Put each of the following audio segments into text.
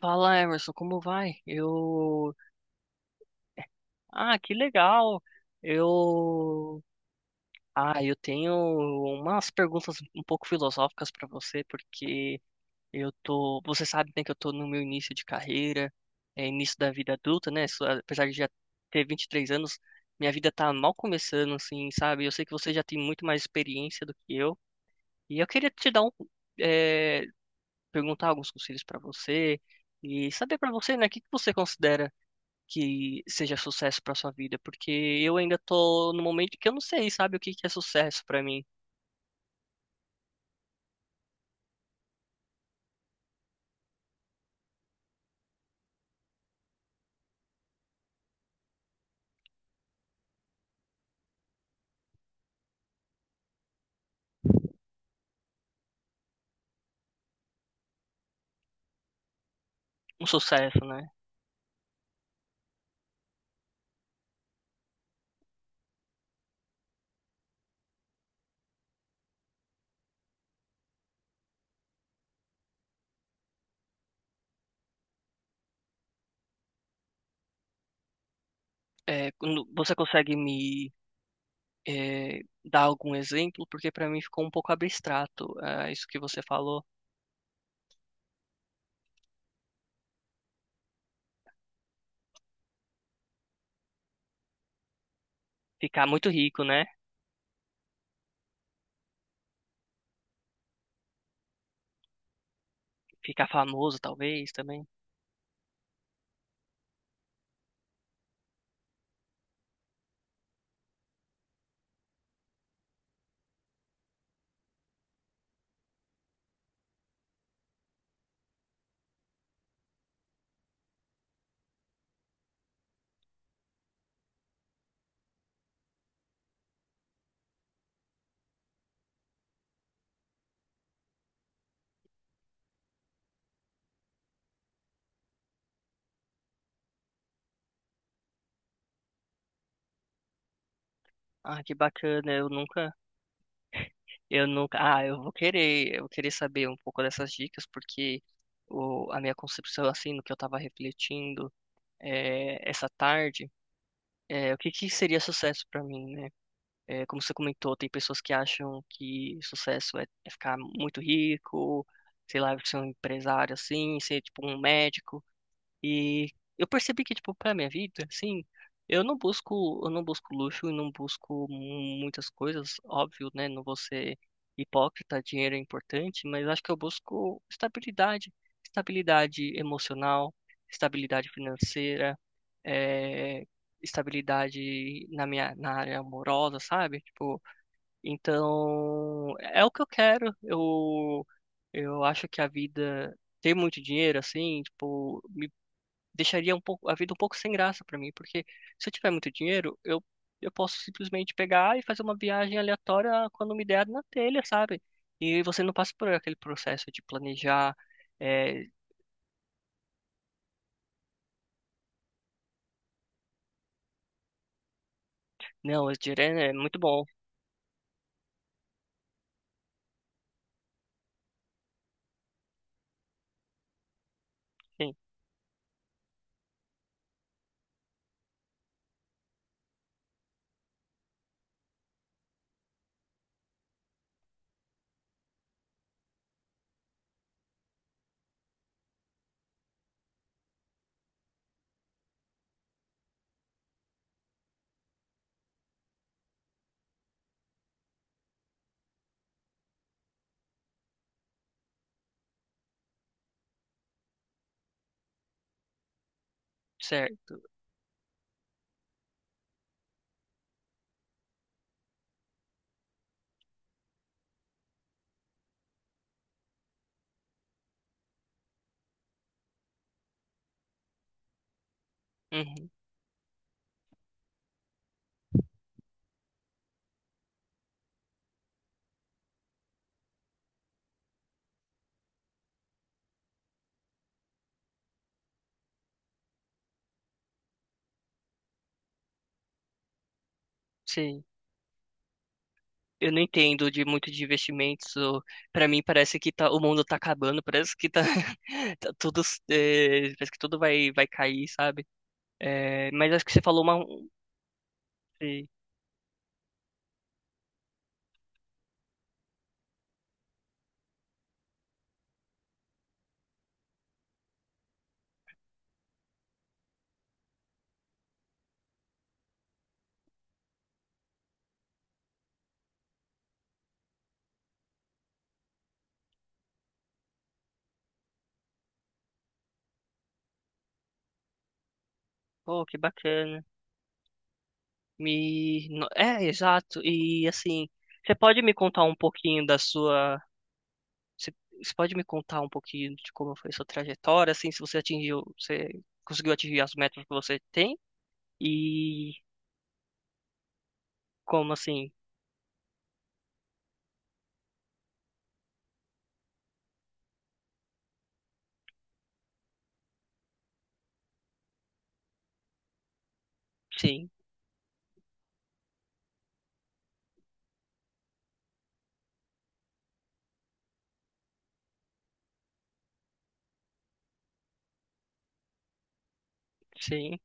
Fala, Emerson, como vai? Eu. Ah, que legal! Eu. Ah, eu tenho umas perguntas um pouco filosóficas para você, porque eu tô. Você sabe, né, que eu tô no meu início de carreira, início da vida adulta, né? Só- Apesar de já ter 23 anos, minha vida tá mal começando, assim, sabe? Eu sei que você já tem muito mais experiência do que eu, e eu queria te dar um. é, Perguntar alguns conselhos para você. E saber para você, né, o que que você considera que seja sucesso para sua vida, porque eu ainda tô no momento que eu não sei, sabe, o que que é sucesso para mim? Um sucesso, né? É, quando- você consegue me dar algum exemplo? Porque para mim ficou um pouco abstrato, ah, isso que você falou. Ficar muito rico, né? Ficar famoso, talvez, também. Ah, que bacana, eu nunca, ah, eu vou querer saber um pouco dessas dicas, porque o, a minha concepção, assim, no que eu tava refletindo essa tarde. É, o que que seria sucesso pra mim, né? É, como você comentou, tem pessoas que acham que sucesso é, é ficar muito rico, sei lá, ser um empresário assim, ser tipo um médico. E eu percebi que, tipo, pra minha vida, assim, eu não busco luxo e não busco muitas coisas, óbvio, né? Não vou ser hipócrita, dinheiro é importante, mas acho que eu busco estabilidade, estabilidade emocional, estabilidade financeira, eh, estabilidade na minha, na área amorosa, sabe? Tipo, então, é o que eu quero. Eu acho que a vida ter muito dinheiro, assim, tipo, me deixaria um pouco a vida um pouco sem graça pra mim, porque se eu tiver muito dinheiro, eu posso simplesmente pegar e fazer uma viagem aleatória quando me der na telha, sabe? E você não passa por aquele processo de planejar, é, não, esse dinheiro é muito bom, sim, certo. Uhum, sim. Eu não entendo de muito de investimentos. Ou- Pra mim parece que tá, o mundo tá acabando, parece que tá, tá tudo, é, parece que tudo vai cair, sabe? É, mas acho que você falou uma, um- sim. Pô, que bacana. Me... no- É, exato. E assim, você pode me contar um pouquinho da sua. Você Você pode me contar um pouquinho de como foi sua trajetória, assim, se você atingiu, você conseguiu atingir as metas que você tem? E como assim? Sim, sim.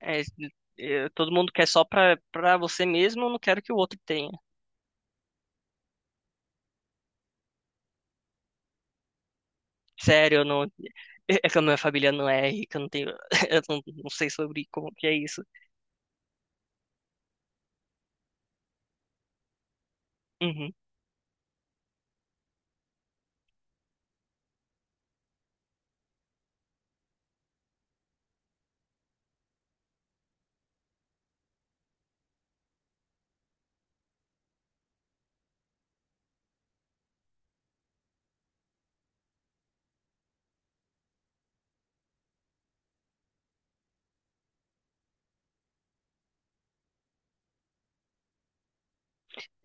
É, é, todo mundo quer só pra, pra você mesmo, eu não quero que o outro tenha. Sério, eu não. É é que a minha família não é rica, eu não tenho. Eu não, não sei sobre como que é isso. Uhum,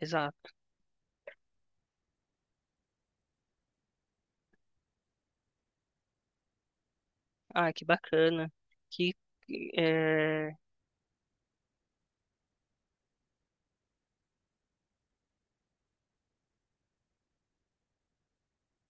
exato. Ah, que bacana. Que. é,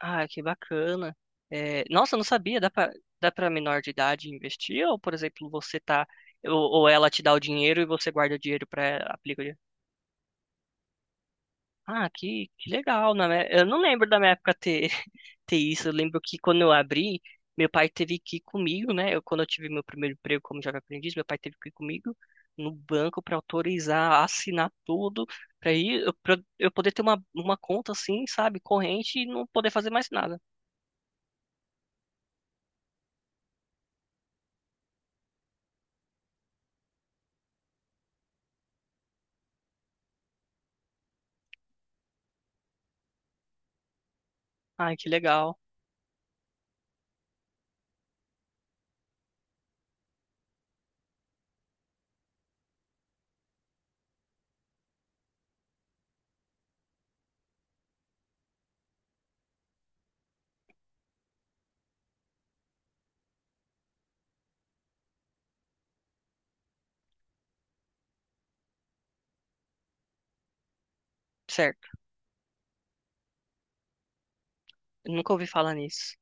Ah, que bacana. É, nossa, eu não sabia. Dá para menor de idade investir? Ou, por exemplo, você tá. Ou ela te dá o dinheiro e você guarda o dinheiro pra aplicar. Ah, que legal. Na minha- eu não lembro da minha época ter, ter isso. Eu lembro que quando eu abri, meu pai teve que ir comigo, né? Eu, quando eu tive meu primeiro emprego como jovem aprendiz, meu pai teve que ir comigo no banco pra autorizar, assinar tudo, pra ir, eu, pra eu poder ter uma conta assim, sabe, corrente e não poder fazer mais nada. Ai, que legal. Certo. Eu nunca ouvi falar nisso.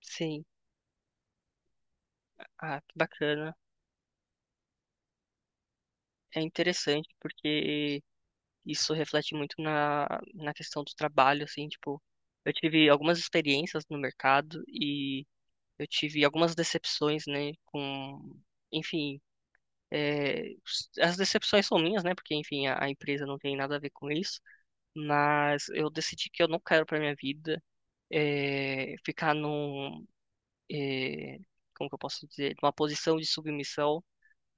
Sim. Ah, que bacana. É interessante porque isso reflete muito na, na questão do trabalho, assim, tipo, eu tive algumas experiências no mercado e eu tive algumas decepções, né, com, enfim, é, as decepções são minhas, né, porque, enfim, a empresa não tem nada a ver com isso, mas eu decidi que eu não quero para minha vida ficar num, é, como que eu posso dizer, numa posição de submissão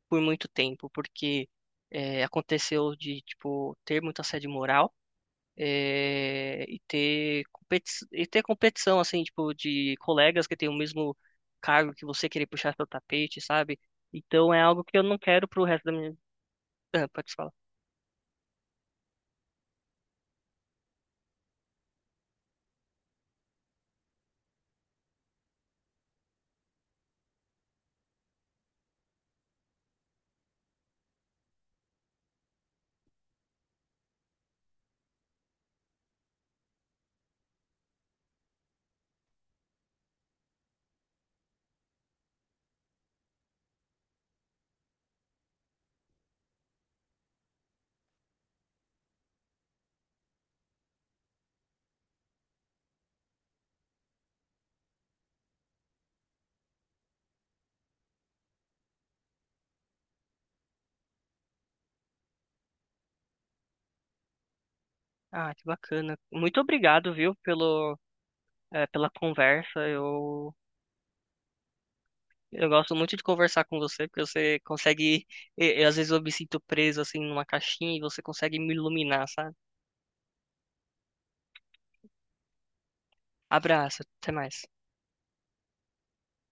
por muito tempo, porque é, aconteceu de, tipo, ter muita assédio moral e ter competição, assim, tipo, de colegas que têm o mesmo cargo que você querer puxar seu tapete, sabe? Então é algo que eu não quero pro resto da minha... Ah, pode falar. Ah, que bacana. Muito obrigado, viu, pelo, pela conversa. Eu gosto muito de conversar com você, porque você consegue. E às vezes eu me sinto preso assim numa caixinha e você consegue me iluminar, sabe? Abraço, até mais.